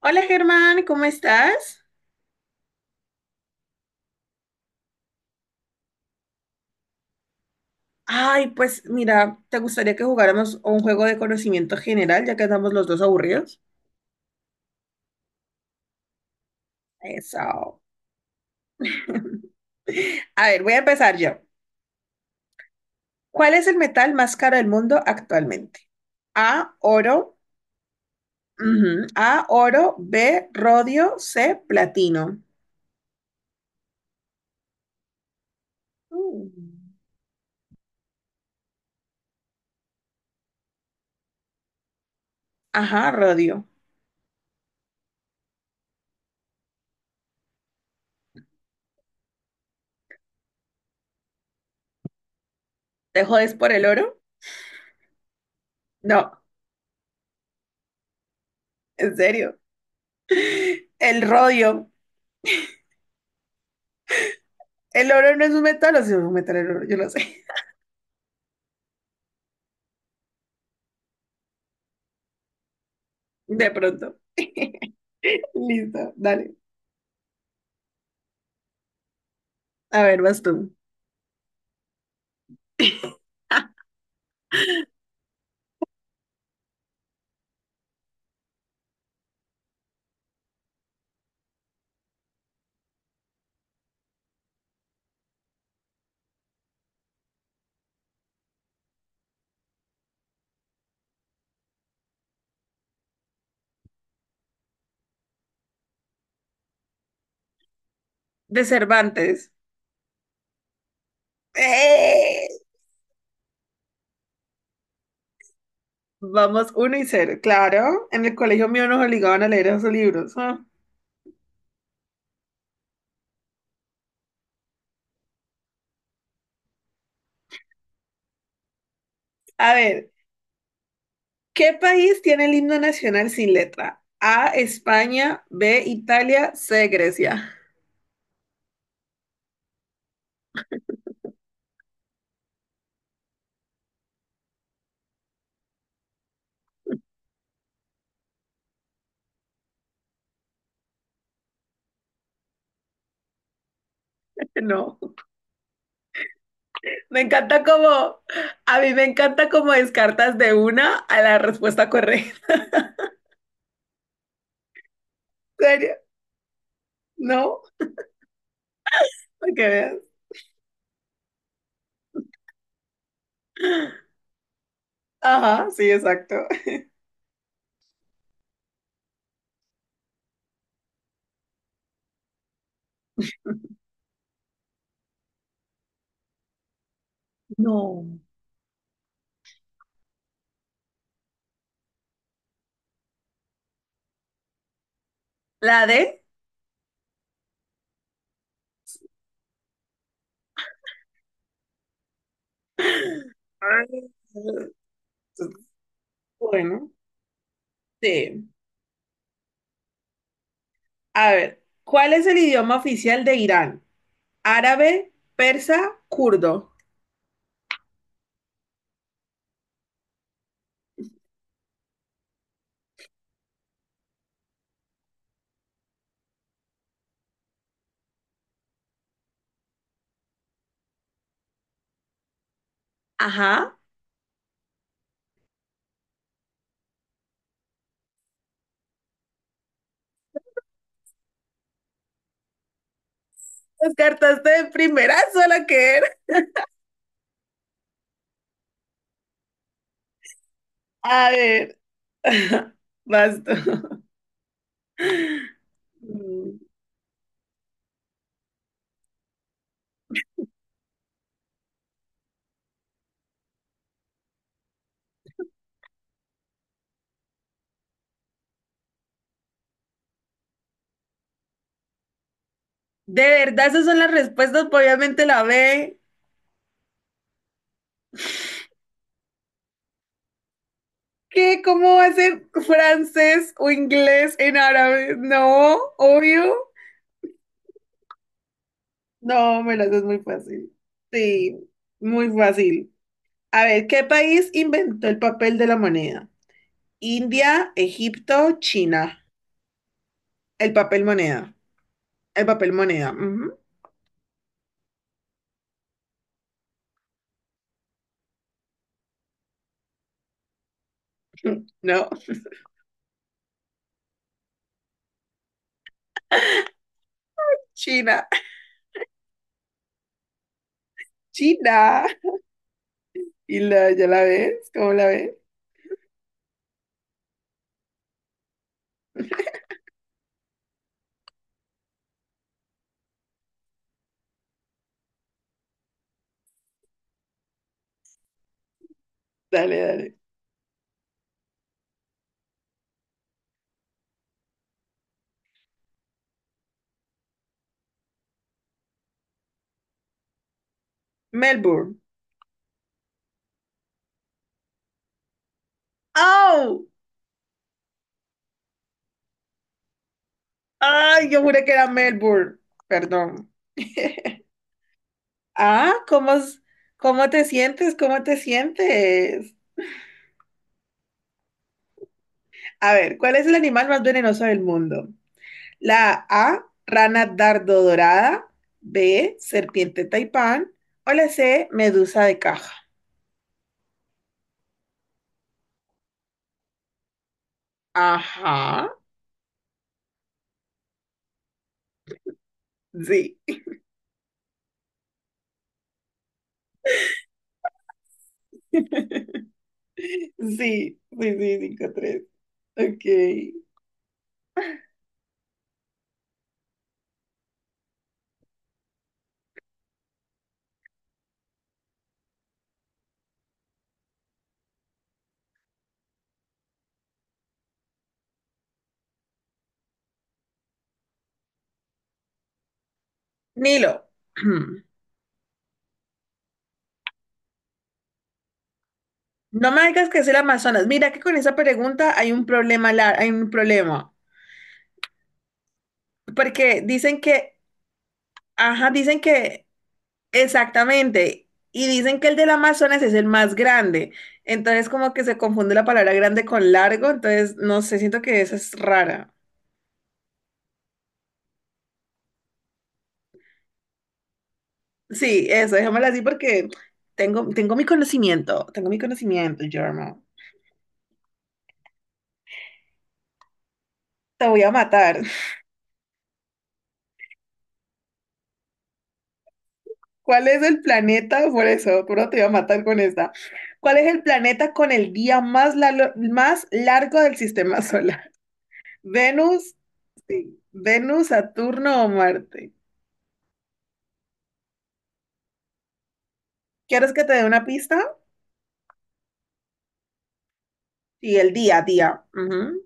Hola, Germán, ¿cómo estás? Ay, pues mira, ¿te gustaría que jugáramos un juego de conocimiento general, ya que andamos los dos aburridos? Eso. A ver, voy a empezar yo. ¿Cuál es el metal más caro del mundo actualmente? A, oro. Ujú. A, oro. B, rodio. C, platino. Mm. Ajá, rodio. ¿Te jodes por el oro? No, en serio. El rodio. El oro no es un metal, o sí es un metal el oro, yo lo sé. De pronto. Listo, dale. A ver, vas tú. De Cervantes. ¡Eh! Vamos uno y cero. Claro, en el colegio mío nos obligaban a leer esos libros. Ah. A ver, ¿qué país tiene el himno nacional sin letra? A, España, B, Italia, C, Grecia. No, me encanta como, a mí me encanta como descartas de una a la respuesta correcta. ¿En serio? No, para que veas. Ajá, sí, exacto. No. La D. Bueno, sí. A ver, ¿cuál es el idioma oficial de Irán? Árabe, persa, kurdo. Ajá. Descartaste de primera sola que era. A ver, basta. Mm. De verdad, esas son las respuestas, pues, obviamente la B. ¿Qué? ¿Cómo va a ser francés o inglés en árabe? No, obvio. No, me lo haces muy fácil. Sí, muy fácil. A ver, ¿qué país inventó el papel de la moneda? India, Egipto, China. El papel moneda. El papel moneda. Ujú. No, China. China. ¿Y la, ya la ves? ¿Cómo la ves? Dale, dale. Melbourne. ¡Oh! ¡Ay! Yo juré que era Melbourne. Perdón. Ah, ¿cómo te sientes? ¿Cómo te sientes? A ver, ¿cuál es el animal más venenoso del mundo? La A, rana dardo dorada, B, serpiente taipán o la C, medusa de caja. Ajá, sí. Sí, sí, sí, 5-3. Ok. Nilo, no me digas que es el Amazonas. Mira que con esa pregunta hay un problema, hay un problema. Porque dicen que, ajá, dicen que exactamente. Y dicen que el del Amazonas es el más grande. Entonces como que se confunde la palabra grande con largo. Entonces no sé, siento que esa es rara. Sí, eso, déjamela así porque tengo mi conocimiento, tengo mi conocimiento, Jorma. Te voy a matar. ¿Cuál es el planeta? Por eso, pero te voy a matar con esta. ¿Cuál es el planeta con el día más, lalo- más largo del sistema solar? ¿Venus? Sí. ¿Venus, Saturno o Marte? ¿Quieres que te dé una pista? Sí, el día a día. Ujú.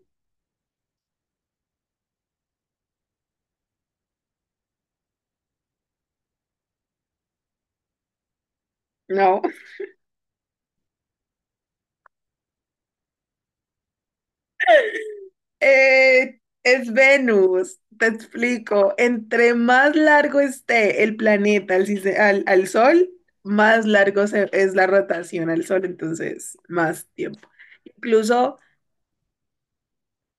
No. Es Venus, te explico. Entre más largo esté el planeta al, sise- al- al- Sol, es la rotación al Sol, entonces más tiempo. Incluso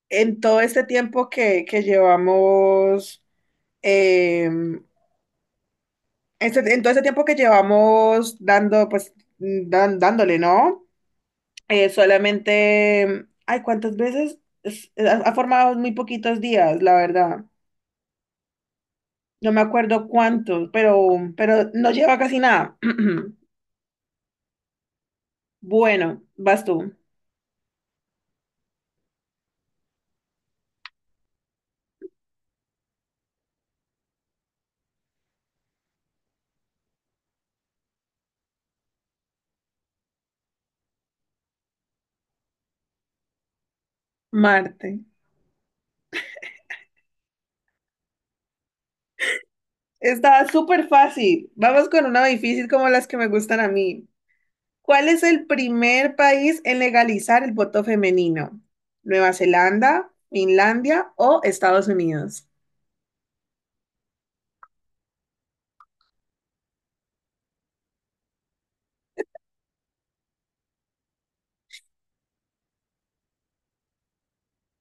en todo este tiempo que llevamos, eh, en todo este tiempo que llevamos dando, pues, dándole, ¿no? Solamente, ay, ¿cuántas veces? Ha formado muy poquitos días, la verdad. No me acuerdo cuántos, pero no lleva casi nada. Bueno, vas tú. Marte. Estaba súper fácil. Vamos con una difícil como las que me gustan a mí. ¿Cuál es el primer país en legalizar el voto femenino? ¿Nueva Zelanda, Finlandia o Estados Unidos?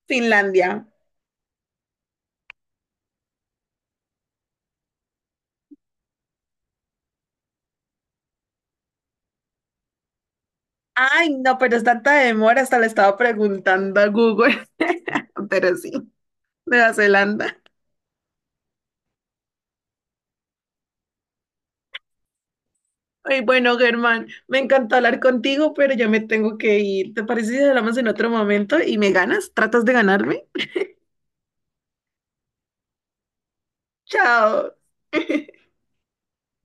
Finlandia. Ay, no, pero es tanta demora, hasta le estaba preguntando a Google, pero sí, Nueva Zelanda. Ay, bueno, Germán, me encantó hablar contigo, pero ya me tengo que ir. ¿Te parece si hablamos en otro momento y me ganas? ¿Tratas de ganarme? Chao.